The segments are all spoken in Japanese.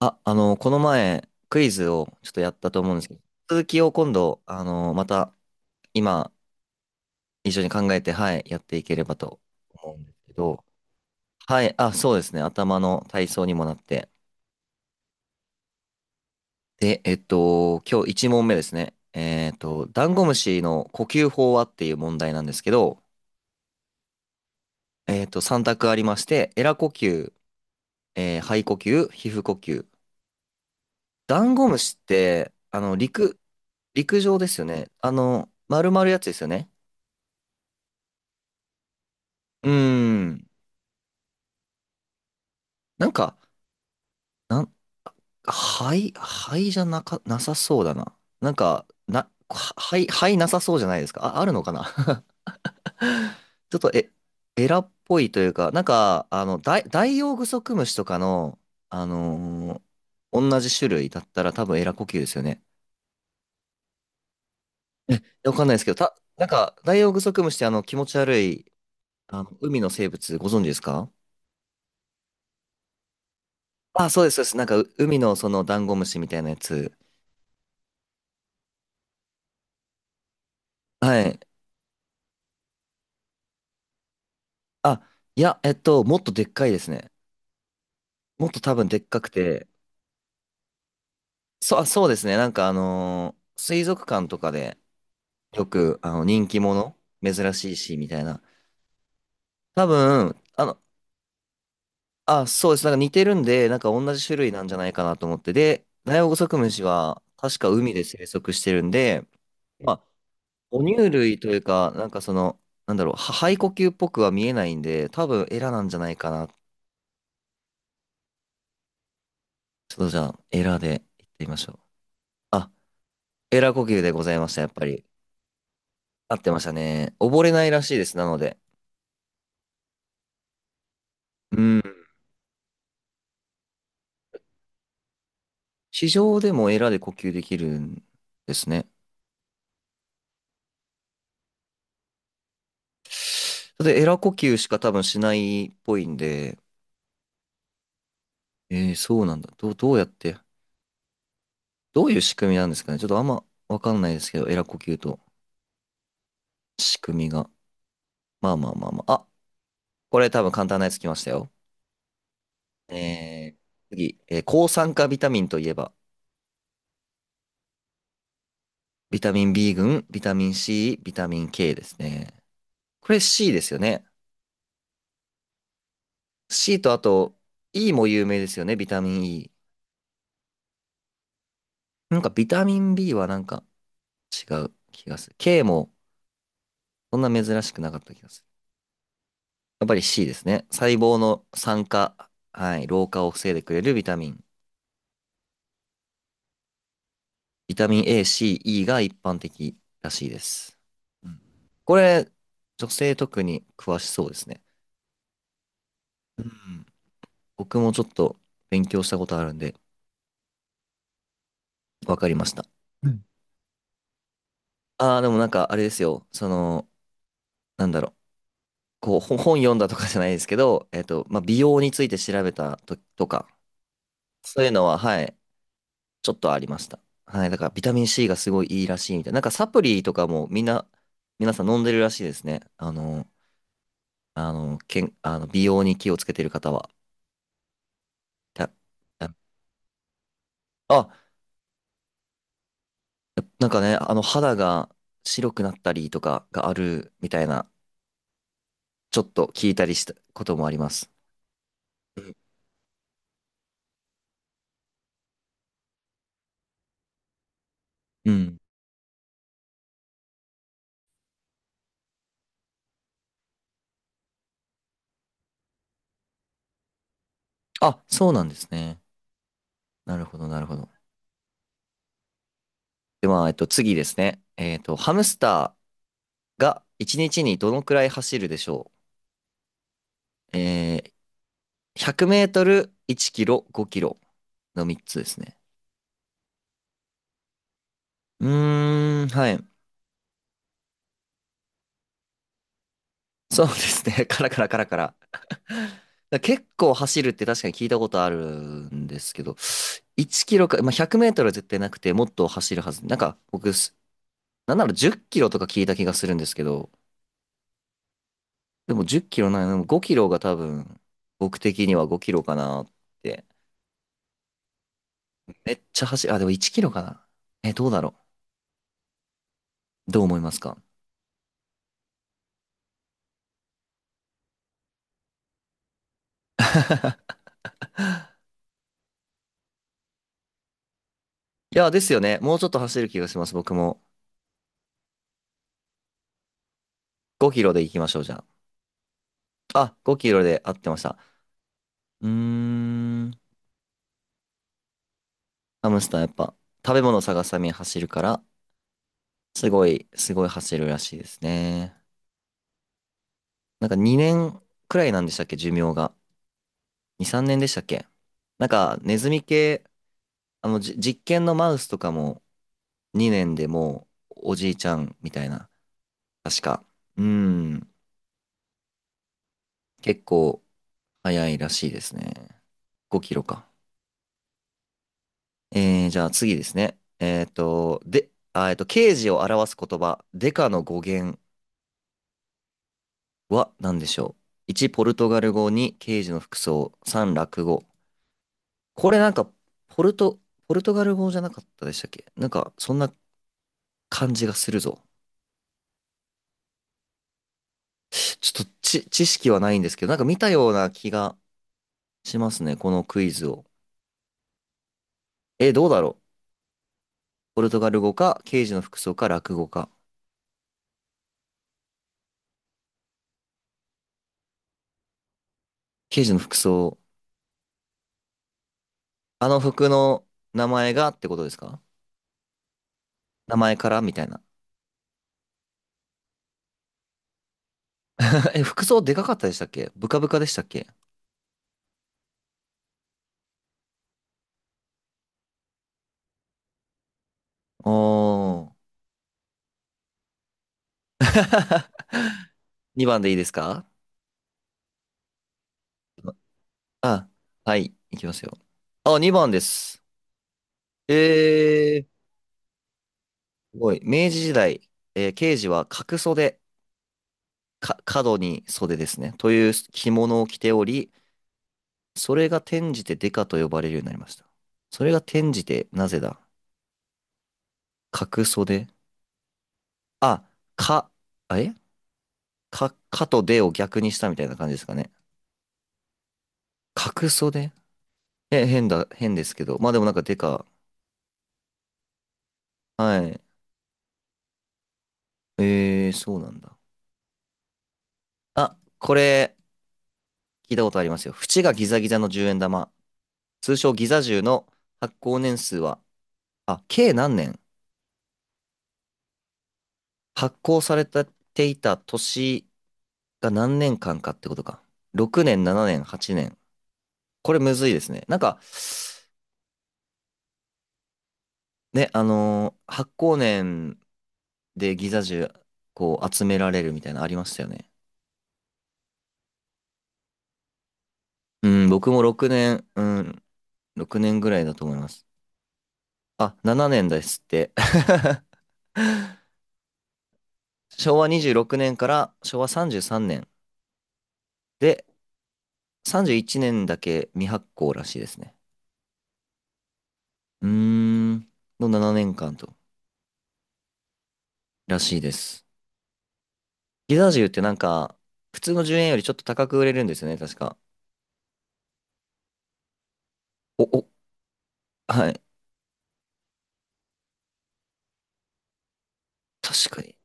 あ、この前、クイズをちょっとやったと思うんですけど、続きを今度、また、今、一緒に考えて、はい、やっていければと思うんですけど、はい、あ、そうですね、頭の体操にもなって。で、今日1問目ですね。ダンゴムシの呼吸法はっていう問題なんですけど、3択ありまして、エラ呼吸、肺呼吸、皮膚呼吸。ダンゴムシって、陸、陸上ですよね。丸々やつですよね。うーん。なんか、なん、肺じゃなか、なさそうだな。なんか、な、は灰、肺なさそうじゃないですか。あ、あるのかな。 ちょっと、え、エラっぽいというか、なんか、ダイオウグソクムシとかの、あのー同じ種類だったら多分エラ呼吸ですよね。え、わかんないですけど、なんか、ダイオウグソクムシって気持ち悪い、海の生物ご存知ですか？あ、そうです、そうです。なんか、海のそのダンゴムシみたいなやつ。はい。あ、いや、もっとでっかいですね。もっと多分でっかくて、そう、あ、そうですね。なんか水族館とかでよく、人気者、珍しいし、みたいな。多分、あ、そうです。なんか似てるんで、なんか同じ種類なんじゃないかなと思って。で、ダイオウグソクムシは確か海で生息してるんで、まあ、哺乳類というか、なんかその、なんだろう、肺呼吸っぽくは見えないんで、多分エラなんじゃないかな。ちょっとじゃあ、エラでいってみましょう。あ、エラ呼吸でございました、やっぱり。合ってましたね。溺れないらしいです、なので。うん。地上でもエラで呼吸できるんですね。で、エラ呼吸しか多分しないっぽいんで、そうなんだ。どうやって、どういう仕組みなんですかね。ちょっとあんまわかんないですけど、エラ呼吸と仕組みが。まあまあまあまあ。あ、これ多分簡単なやつきましたよ。次、抗酸化ビタミンといえば、ビタミン B 群、ビタミン C、ビタミン K ですね。これ C ですよね。C とあと E も有名ですよね、ビタミン E。なんかビタミン B はなんか違う気がする。K もそんな珍しくなかった気がする。やっぱり C ですね。細胞の酸化、はい、老化を防いでくれるビタミン。ビタミン A、C、E が一般的らしいです。うん、これ、女性特に詳しそうですね。うん、僕もちょっと勉強したことあるんで、わかりました。うん、ああ、でもなんかあれですよ。その、なんだろう。こう、本読んだとかじゃないですけど、まあ、美容について調べたとか、そういうのは、はい、ちょっとありました。はい、だからビタミン C がすごいいいらしいみたいな。なんかサプリとかもみんな、皆さん飲んでるらしいですね。あの美容に気をつけてる方は。たあ、あ、なんかね、あの肌が白くなったりとかがあるみたいな、ちょっと聞いたりしたこともあります。うん。うん、あ、そうなんですね。なるほど、なるほど。では、次ですね。ハムスターが1日にちにどのくらい走るでしょう？100メートル、1キロ、5キロの3つですね。うーん、はい。そうですね。カラカラカラカラ。だ結構走るって確かに聞いたことあるんですけど、1キロか、まあ、0 0メートルは絶対なくて、もっと走るはず。なんか、僕、す、なんなら10キロとか聞いた気がするんですけど、でも10キロない、でも5キロが多分、僕的には5キロかなって。めっちゃ走る。あ、でも1キロかな。え、どうだろう。どう思いますか？いや、ですよね。もうちょっと走る気がします。僕も。5キロで行きましょう、じゃあ。あ、5キロで合ってました。うーん。ハムスターやっぱ、食べ物探すために走るから、すごい走るらしいですね。なんか2年くらいなんでしたっけ、寿命が。2、3年でしたっけ。なんか、ネズミ系、実験のマウスとかも2年でもう、おじいちゃんみたいな。確か。うーん。結構、早いらしいですね。5キロか。じゃあ次ですね。えっと、で、あ、えっと、刑事を表す言葉、デカの語源は何でしょう？ 1、ポルトガル語、2、刑事の服装、3、落語。これなんか、ポルト、ポルトガル語じゃなかったでしたっけ？なんか、そんな感じがするぞ。ちょっと知識はないんですけど、なんか見たような気がしますね、このクイズを。え、どうだろう？ポルトガル語か、刑事の服装か、落語か。刑事の服装、あの服の名前がってことですか？名前からみたいな。え、服装でかかったでしたっけ？ブカブカでしたっけ？おー。2番でいいですか？あ、はい、いきますよ。あ、2番です。えー、すごい。明治時代、刑事は角袖、か、角に袖ですね。という着物を着ており、それが転じてデカと呼ばれるようになりました。それが転じて、なぜだ？角袖、あ、か、えか、かとでを逆にしたみたいな感じですかね。角袖、え、変ですけど。まあでもなんかでか。はい。そうなんだ。あ、これ、聞いたことありますよ。縁がギザギザの10円玉。通称ギザ銃の発行年数は、あ、計何年発行されていた年が何年間かってことか。6年、7年、8年。これむずいですね。なんか、ね、発行年でギザ銃こう集められるみたいなのありましたよね。うん、僕も6年、うん、6年ぐらいだと思います。あ、7年ですって。昭和26年から昭和33年で、31年だけ未発行らしいですね。うーん、の7年間と、らしいです。ギザ銃ってなんか、普通の10円よりちょっと高く売れるんですよね、確か。お、お、はい。確かに。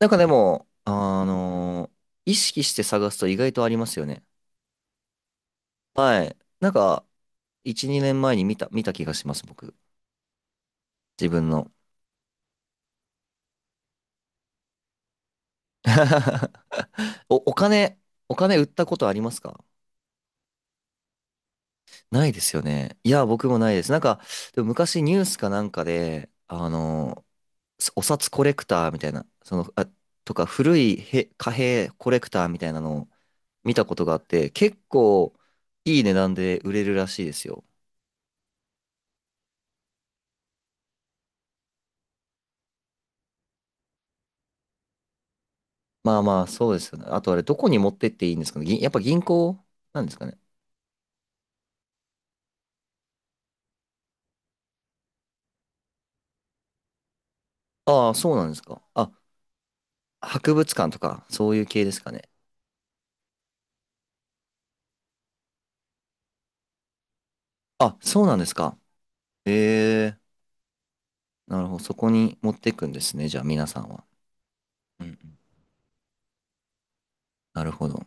なんかでも、意識して探すと意外とありますよね。はい。なんか、1、2年前に見た気がします、僕。自分の。お、お金、お金売ったことありますか？ないですよね。いや、僕もないです。なんか、でも昔ニュースかなんかで、お札コレクターみたいな、その、古い貨幣コレクターみたいなのを見たことがあって、結構いい値段で売れるらしいですよ。まあまあ、そうですよね。あとあれ、どこに持ってっていいんですかね。やっぱ銀行なんですかね。ああ、そうなんですか。あ、博物館とか、そういう系ですかね。あ、そうなんですか。ええ、なるほど。そこに持っていくんですね。じゃあ、皆さんは。うんうん。なるほど。